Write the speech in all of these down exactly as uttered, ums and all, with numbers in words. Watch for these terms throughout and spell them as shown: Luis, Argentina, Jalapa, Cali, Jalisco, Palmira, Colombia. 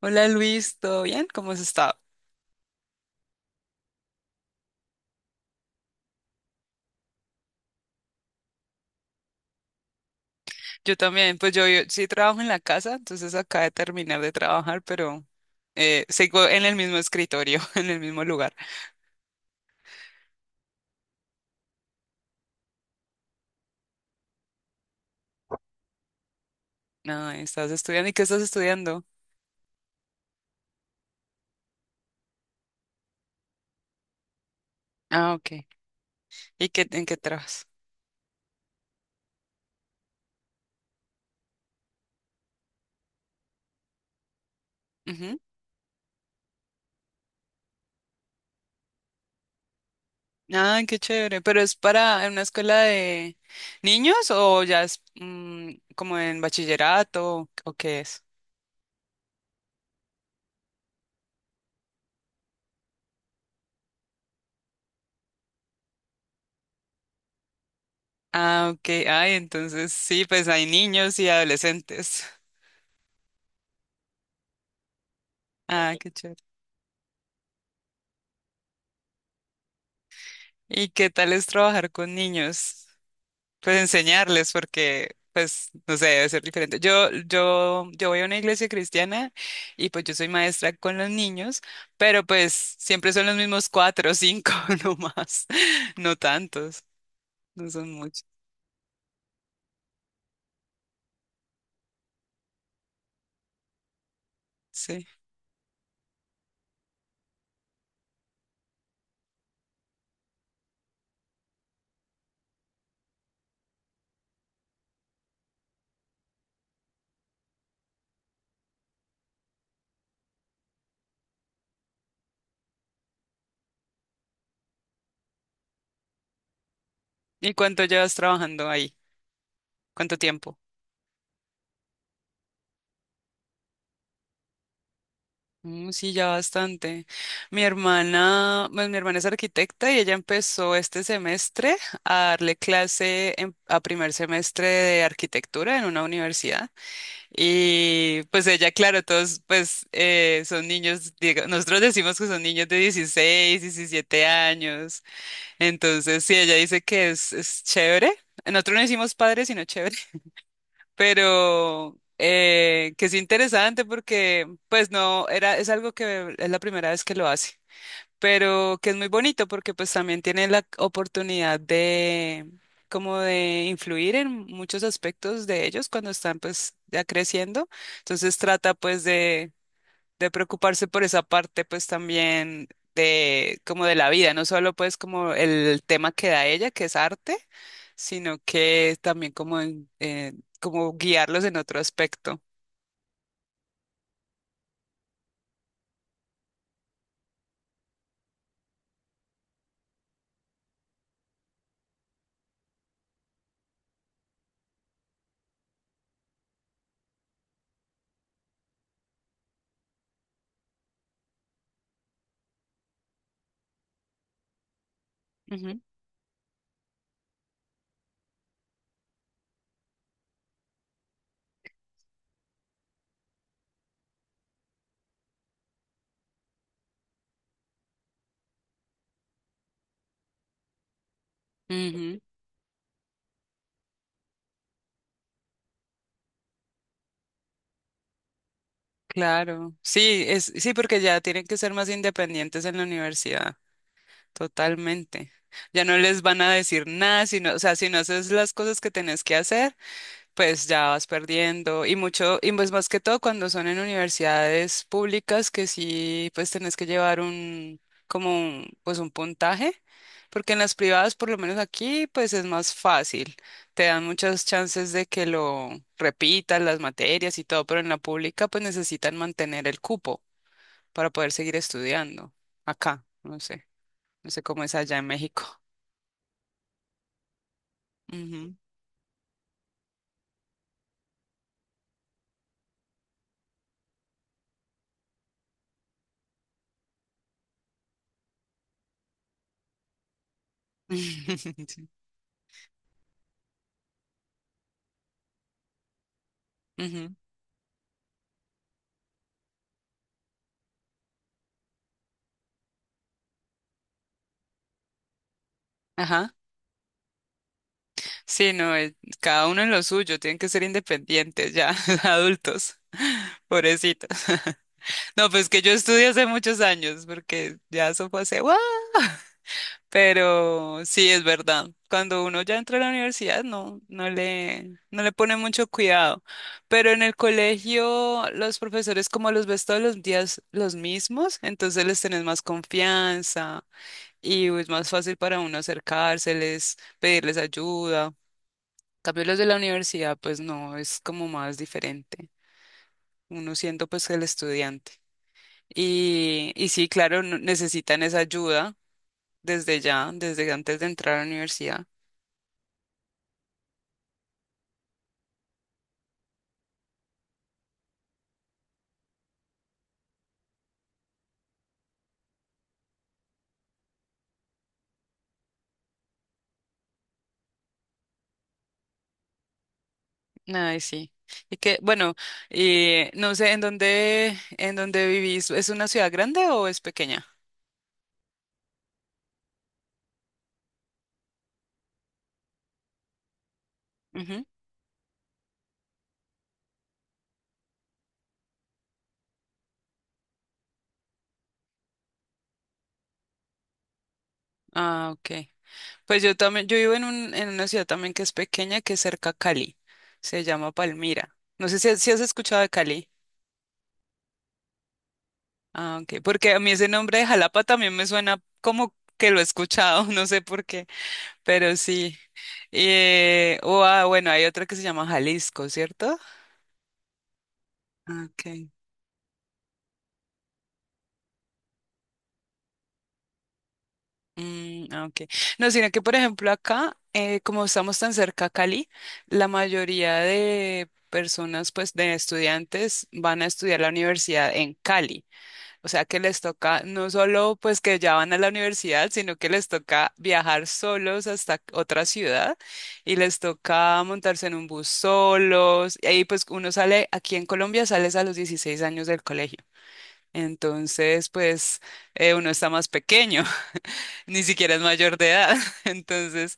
Hola Luis, ¿todo bien? ¿Cómo has estado? Yo también, pues yo, yo sí trabajo en la casa, entonces acabé de terminar de trabajar, pero eh, sigo en el mismo escritorio, en el mismo lugar. No, estás estudiando. ¿Y qué estás estudiando? Ah, ok. ¿Y qué, en qué trabajas? Ujú. Ay, qué chévere. ¿Pero es para en una escuela de niños o ya es mm, como en bachillerato o qué es? Ah, ok. Ay, entonces sí, pues hay niños y adolescentes. Ah, qué chévere. ¿Y qué tal es trabajar con niños? Pues enseñarles, porque, pues, no sé, debe ser diferente. Yo, yo, yo voy a una iglesia cristiana y pues yo soy maestra con los niños, pero pues siempre son los mismos cuatro o cinco, no más, no tantos, no son muchos. Sí. ¿Y cuánto llevas trabajando ahí? ¿Cuánto tiempo? Mm, sí, ya bastante. Mi hermana, pues mi hermana es arquitecta y ella empezó este semestre a darle clase en- a primer semestre de arquitectura en una universidad. Y pues ella, claro, todos pues eh, son niños, diga- nosotros decimos que son niños de dieciséis, diecisiete años. Entonces, sí, ella dice que es, es chévere. Nosotros no decimos padre, sino chévere, pero eh, que es interesante porque pues no, era, es algo que es la primera vez que lo hace, pero que es muy bonito porque pues también tiene la oportunidad de como de influir en muchos aspectos de ellos cuando están pues ya creciendo, entonces trata pues de de preocuparse por esa parte, pues también de como de la vida, no solo pues como el tema que da ella, que es arte, sino que también como en- eh, como guiarlos en otro aspecto. Ujú. Ujú, claro. Sí, es, sí, porque ya tienen que ser más independientes en la universidad, totalmente. Ya no les van a decir nada, sino, o sea, si no haces las cosas que tenés que hacer, pues ya vas perdiendo y mucho, y pues más que todo cuando son en universidades públicas que sí, pues tenés que llevar un, como un, pues un puntaje, porque en las privadas, por lo menos aquí, pues es más fácil, te dan muchas chances de que lo repitas las materias y todo, pero en la pública pues necesitan mantener el cupo para poder seguir estudiando acá, no sé, no sé cómo es allá en México. Ujú. Sí. Ujú. Ajá. Sí, no, eh, cada uno en lo suyo, tienen que ser independientes ya, adultos, pobrecitos. No, pues que yo estudié hace muchos años, porque ya eso fue hace, ¡guau! Pero sí, es verdad. Cuando uno ya entra a la universidad, no, no le, no le pone mucho cuidado. Pero en el colegio, los profesores como los ves todos los días los mismos, entonces les tenés más confianza y es más fácil para uno acercárseles, pedirles ayuda cambio los de la universidad, pues no, es como más diferente. Uno siendo pues el estudiante. Y, y sí, claro, n- necesitan esa ayuda desde ya, desde antes de entrar a la universidad. Ay, sí. Y que, bueno, eh, no sé, ¿en dónde, en dónde vivís? ¿Es una ciudad grande o es pequeña? Ujú. Ah, ok. Pues yo también, yo vivo en un, en una ciudad también que es pequeña, que es cerca a Cali. Se llama Palmira. No sé si, si has escuchado de Cali. Ah, ok, porque a mí ese nombre de Jalapa también me suena como que lo he escuchado, no sé por qué, pero sí. Eh, o, ah, bueno, hay otra que se llama Jalisco, ¿cierto? Ah, okay. Mm, ah, ok. No, sino que, por ejemplo, acá, eh, como estamos tan cerca a Cali, la mayoría de personas, pues, de estudiantes van a estudiar la universidad en Cali. O sea que les toca no solo pues que ya van a la universidad, sino que les toca viajar solos hasta otra ciudad y les toca montarse en un bus solos. Y ahí pues uno sale, aquí en Colombia sales a los dieciséis años del colegio. Entonces pues eh, uno está más pequeño, ni siquiera es mayor de edad. Entonces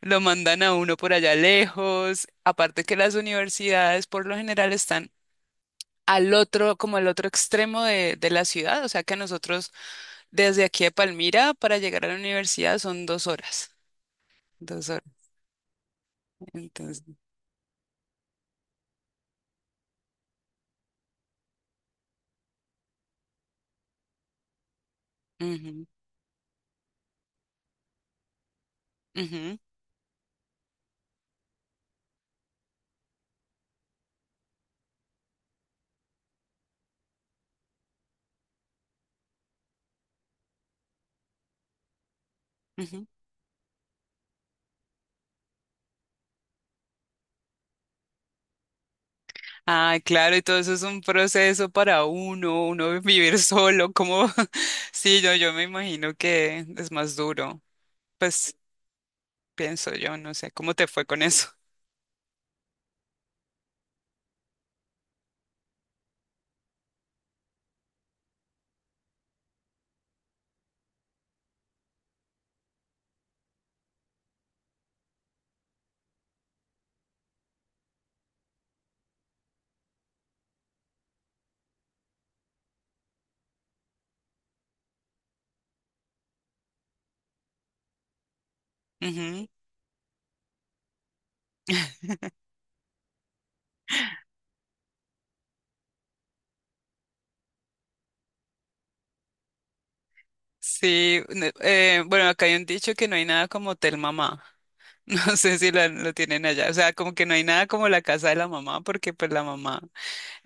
lo mandan a uno por allá lejos. Aparte que las universidades por lo general están... al otro, como al otro extremo de, de la ciudad, o sea que a nosotros desde aquí de Palmira para llegar a la universidad son dos horas, dos horas. Entonces, ujú, ujú, ujú. Ay, claro, y todo eso es un proceso para uno, uno vivir solo, como, sí, yo, yo me imagino que es más duro, pues pienso yo, no sé, ¿cómo te fue con eso? Ujú. Sí, no, eh, bueno, acá hay un dicho que no hay nada como hotel mamá. No sé si lo, lo tienen allá. O sea, como que no hay nada como la casa de la mamá, porque pues la mamá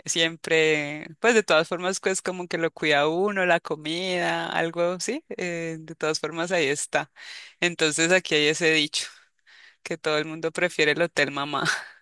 siempre, pues de todas formas, pues como que lo cuida uno, la comida, algo, sí, eh, de todas formas ahí está. Entonces aquí hay ese dicho, que todo el mundo prefiere el hotel mamá.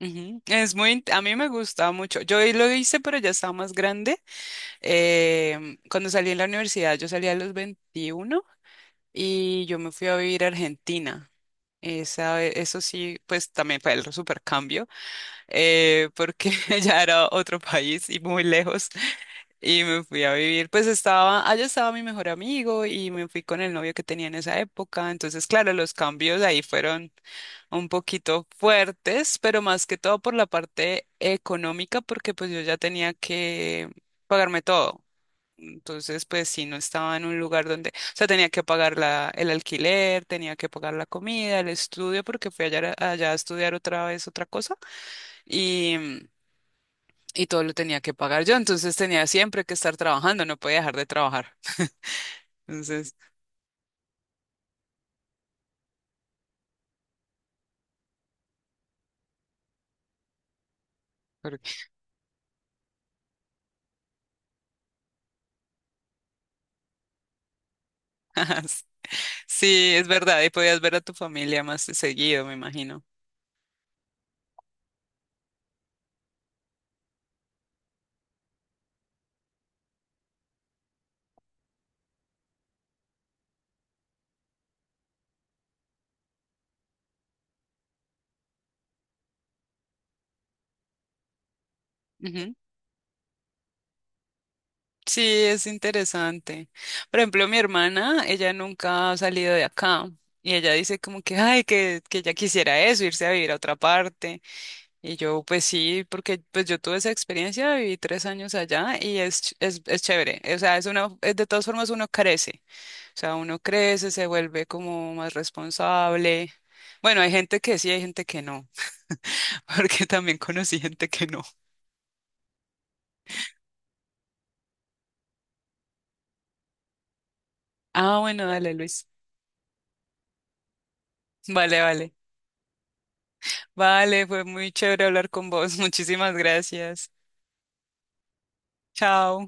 Ujú. Es muy, int- a mí me gustaba mucho. Yo ahí lo hice, pero ya estaba más grande. Em, cuando salí en la universidad, yo salí a los veintiuno y yo me fui a vivir a Argentina. Esa, eso sí, pues también fue el supercambio, eh, porque ya era otro país y muy lejos. Y me fui a vivir, pues estaba, allá estaba mi mejor amigo y me fui con el novio que tenía en esa época. Entonces, claro, los cambios ahí fueron un poquito fuertes, pero más que todo por la parte económica, porque pues yo ya tenía que pagarme todo. Entonces, pues sí, no estaba en un lugar donde, o sea, tenía que pagar la, el alquiler, tenía que pagar la comida, el estudio, porque fui allá, allá a estudiar otra vez otra cosa y, y todo lo tenía que pagar yo, entonces tenía siempre que estar trabajando, no podía dejar de trabajar. Entonces, por- sí, sí, es verdad, y podías ver a tu familia más seguido, me imagino. Ujú. Sí, es interesante. Por ejemplo, mi hermana, ella nunca ha salido de acá y ella dice como que, ay, que, que ella quisiera eso, irse a vivir a otra parte. Y yo, pues sí, porque pues yo tuve esa experiencia, viví tres años allá y es, ch- es, es chévere. O sea, es una, es- de todas formas uno crece. O sea, uno crece, se vuelve como más responsable. Bueno, hay gente que sí, hay gente que no, porque también conocí gente que no. Ah, bueno, dale, Luis. Vale, vale. Vale, fue muy chévere hablar con vos. Muchísimas gracias. Chao.